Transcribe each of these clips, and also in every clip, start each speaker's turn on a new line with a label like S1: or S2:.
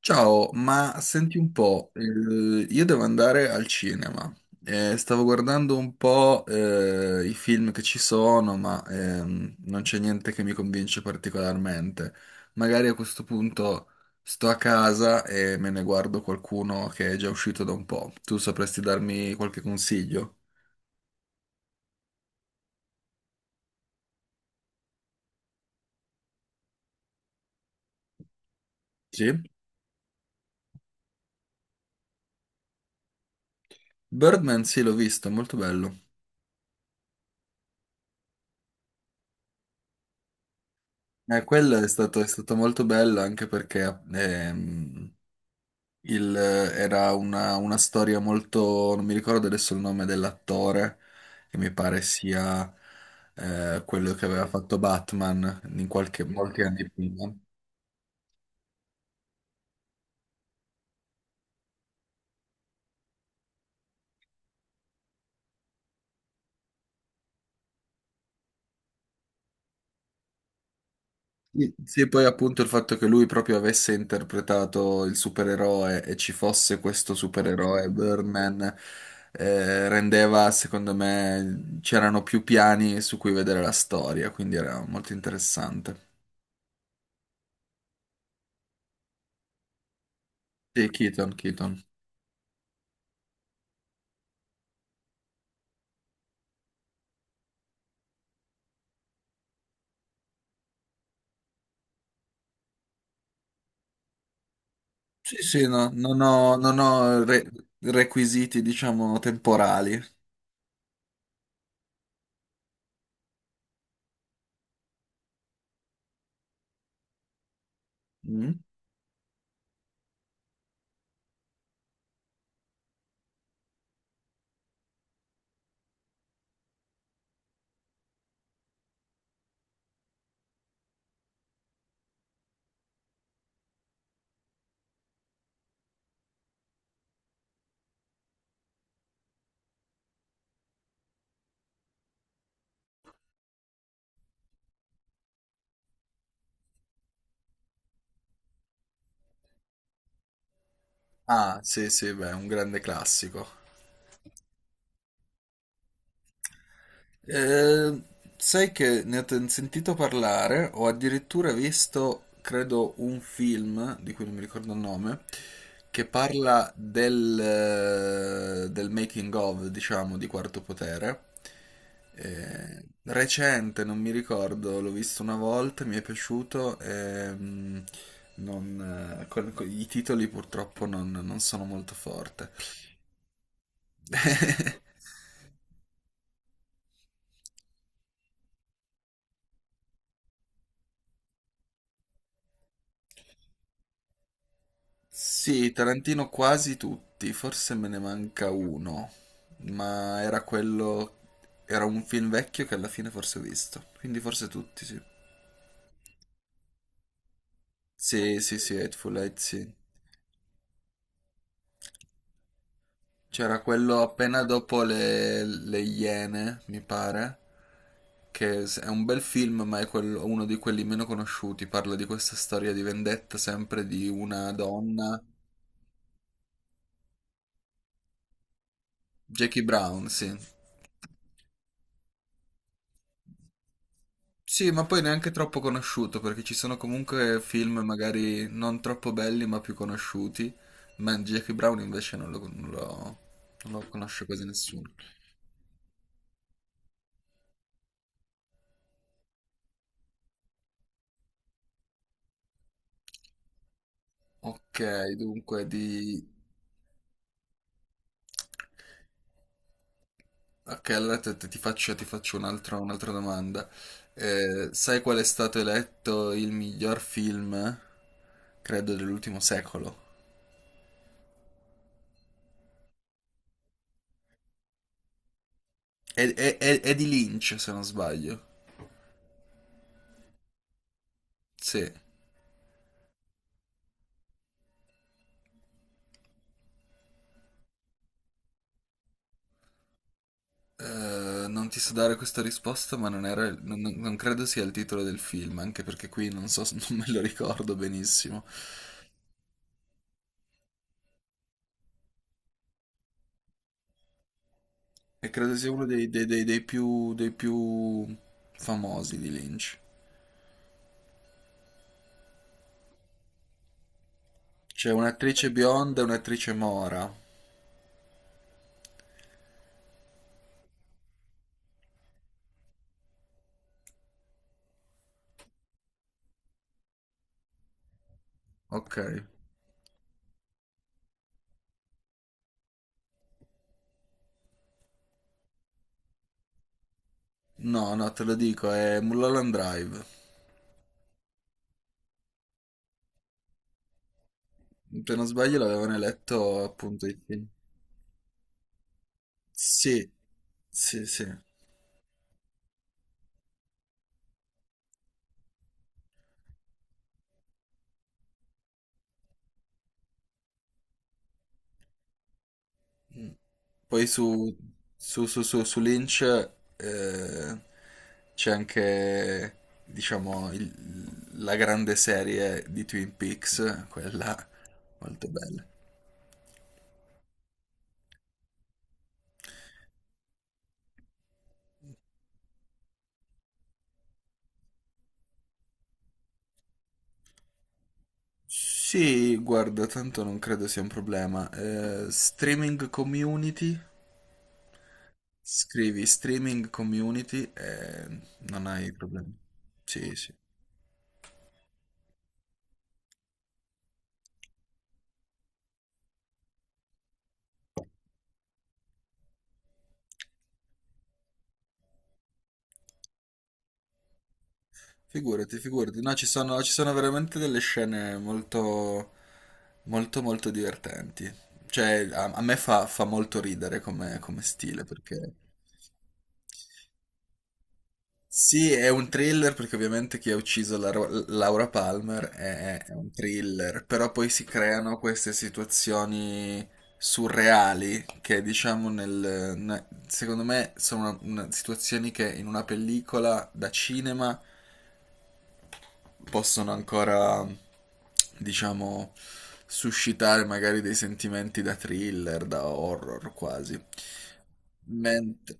S1: Ciao, ma senti un po', io devo andare al cinema. Stavo guardando un po', i film che ci sono, ma non c'è niente che mi convince particolarmente. Magari a questo punto sto a casa e me ne guardo qualcuno che è già uscito da un po'. Tu sapresti darmi qualche consiglio? Sì? Birdman, sì, l'ho visto, è molto bello. Quello è stato molto bello anche perché era una storia molto, non mi ricordo adesso il nome dell'attore, che mi pare sia quello che aveva fatto Batman in qualche, molti anni prima. Sì, sì, poi appunto il fatto che lui proprio avesse interpretato il supereroe e ci fosse questo supereroe, Birdman, rendeva, secondo me, c'erano più piani su cui vedere la storia, quindi era molto interessante. Sì, Keaton, Keaton. Sì, sì, non ho requisiti, diciamo, temporali. Mm? Ah, sì, sì, beh, è un grande classico. Eh, sai che sentito parlare, ho addirittura visto, credo, un film, di cui non mi ricordo il nome, che parla del, del making of, diciamo, di Quarto Potere. Recente, non mi ricordo, l'ho visto una volta, mi è piaciuto. Non, i titoli purtroppo non sono molto forte. Sì, Tarantino quasi tutti, forse me ne manca uno, ma era quello, era un film vecchio che alla fine forse ho visto, quindi forse tutti, sì. Sì, sì, sì, Hateful Eight, sì. C'era quello appena dopo le Iene, mi pare, è un bel film, ma è uno di quelli meno conosciuti, parla di questa storia di vendetta sempre di una donna, Jackie Brown, sì. Sì, ma poi neanche troppo conosciuto, perché ci sono comunque film magari non troppo belli, ma più conosciuti. Ma Jackie Brown invece non lo conosce quasi nessuno. Ok, dunque di... Ok, allora ti faccio un'altra domanda. Sai qual è stato eletto il miglior film, credo, dell'ultimo secolo? È di Lynch, se non sbaglio. Sì. Non ti so dare questa risposta, ma non era, non credo sia il titolo del film, anche perché qui non so, non me lo ricordo benissimo. E credo sia uno dei più famosi di Lynch. C'è un'attrice bionda e un'attrice mora. Ok. No, no, te lo dico, è Mulholland Drive. Se non sbaglio l'avevano eletto appunto i film. Sì, sì, sì. Poi su Lynch eh, c'è anche, diciamo, la grande serie di Twin Peaks, quella molto bella. Sì, guarda, tanto non credo sia un problema. Streaming community, scrivi streaming community e non hai problemi. Sì, sì. Figurati, figurati. No, ci sono veramente delle scene molto divertenti. Cioè, a me fa molto ridere come stile, perché... Sì, è un thriller, perché ovviamente chi ha ucciso Laura Palmer è un thriller, però poi si creano queste situazioni surreali che, diciamo, secondo me sono situazioni che in una pellicola da cinema possono ancora, diciamo, suscitare magari dei sentimenti da thriller, da horror quasi. Mentre...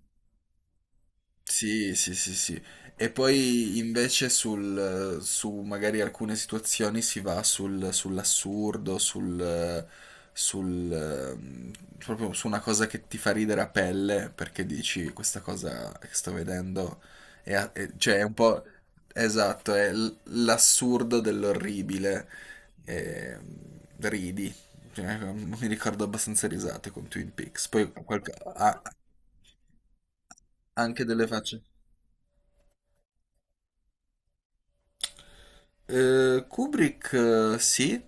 S1: Sì, sì, sì, sì. E poi invece sul, su magari alcune situazioni si va sull'assurdo, sul, ehm, proprio su una cosa che ti fa ridere a pelle perché dici questa cosa che sto vedendo cioè è un po' esatto, l'assurdo dell'orribile. E, ridi. Cioè, mi ricordo abbastanza risate con Twin Peaks. Poi qualche... ah, anche delle facce. Kubrick sì,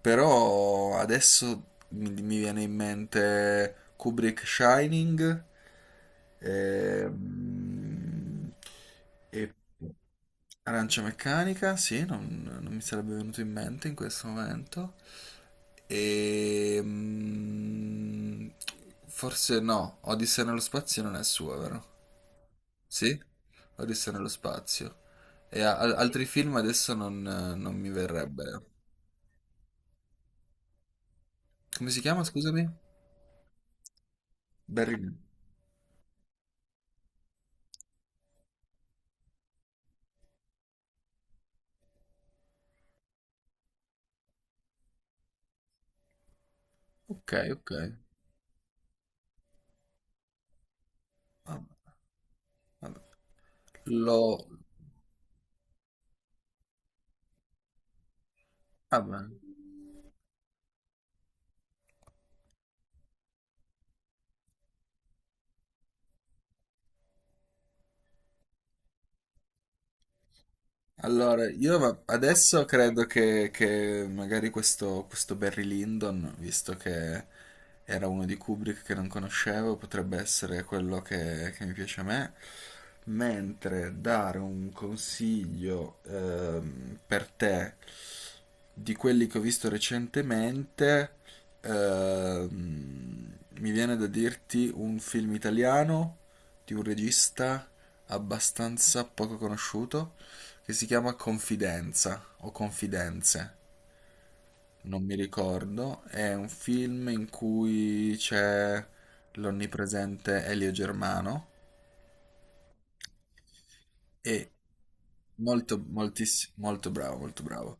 S1: però adesso mi viene in mente Kubrick Shining ehm, e Arancia Meccanica, sì, non mi sarebbe venuto in mente in questo momento. E, mm, forse no, Odissea nello spazio non è sua, vero? Sì? Odissea nello spazio. E altri film adesso non mi verrebbe. Come si chiama, scusami? Barry. Lyndon. Ok, ok. Vabbè, vabbè. Lo... Vabbè. Allora, adesso credo che magari questo Barry Lyndon, visto che era uno di Kubrick che non conoscevo, potrebbe essere quello che mi piace a me. Mentre dare un consiglio per te di quelli che ho visto recentemente, mi viene da dirti un film italiano di un regista abbastanza poco conosciuto che si chiama Confidenza o Confidenze, non mi ricordo. È un film in cui c'è l'onnipresente Elio Germano e molto, molto bravo, molto bravo.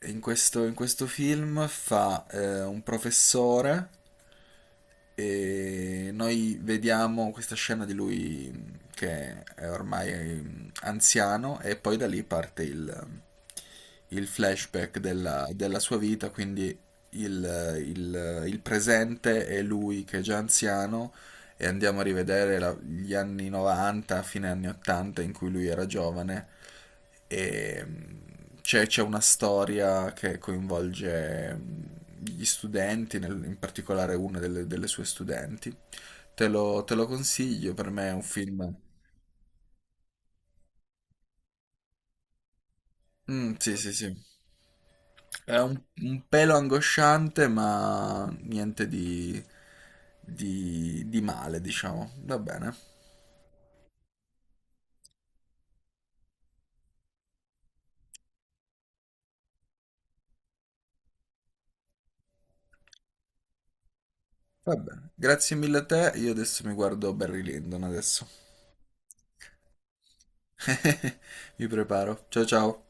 S1: E in in questo film fa un professore e noi vediamo questa scena di lui che è ormai anziano e poi da lì parte il flashback della sua vita, quindi il presente è lui che è già anziano e andiamo a rivedere gli anni 90, fine anni 80 in cui lui era giovane e c'è una storia che coinvolge gli studenti, in particolare una delle sue studenti. Te lo consiglio, per me è un film... Mm, sì, sì, sì. È un pelo angosciante, ma niente di male, diciamo. Va bene. Va bene, grazie mille a te. Io adesso mi guardo Barry Lyndon adesso. Mi preparo. Ciao ciao.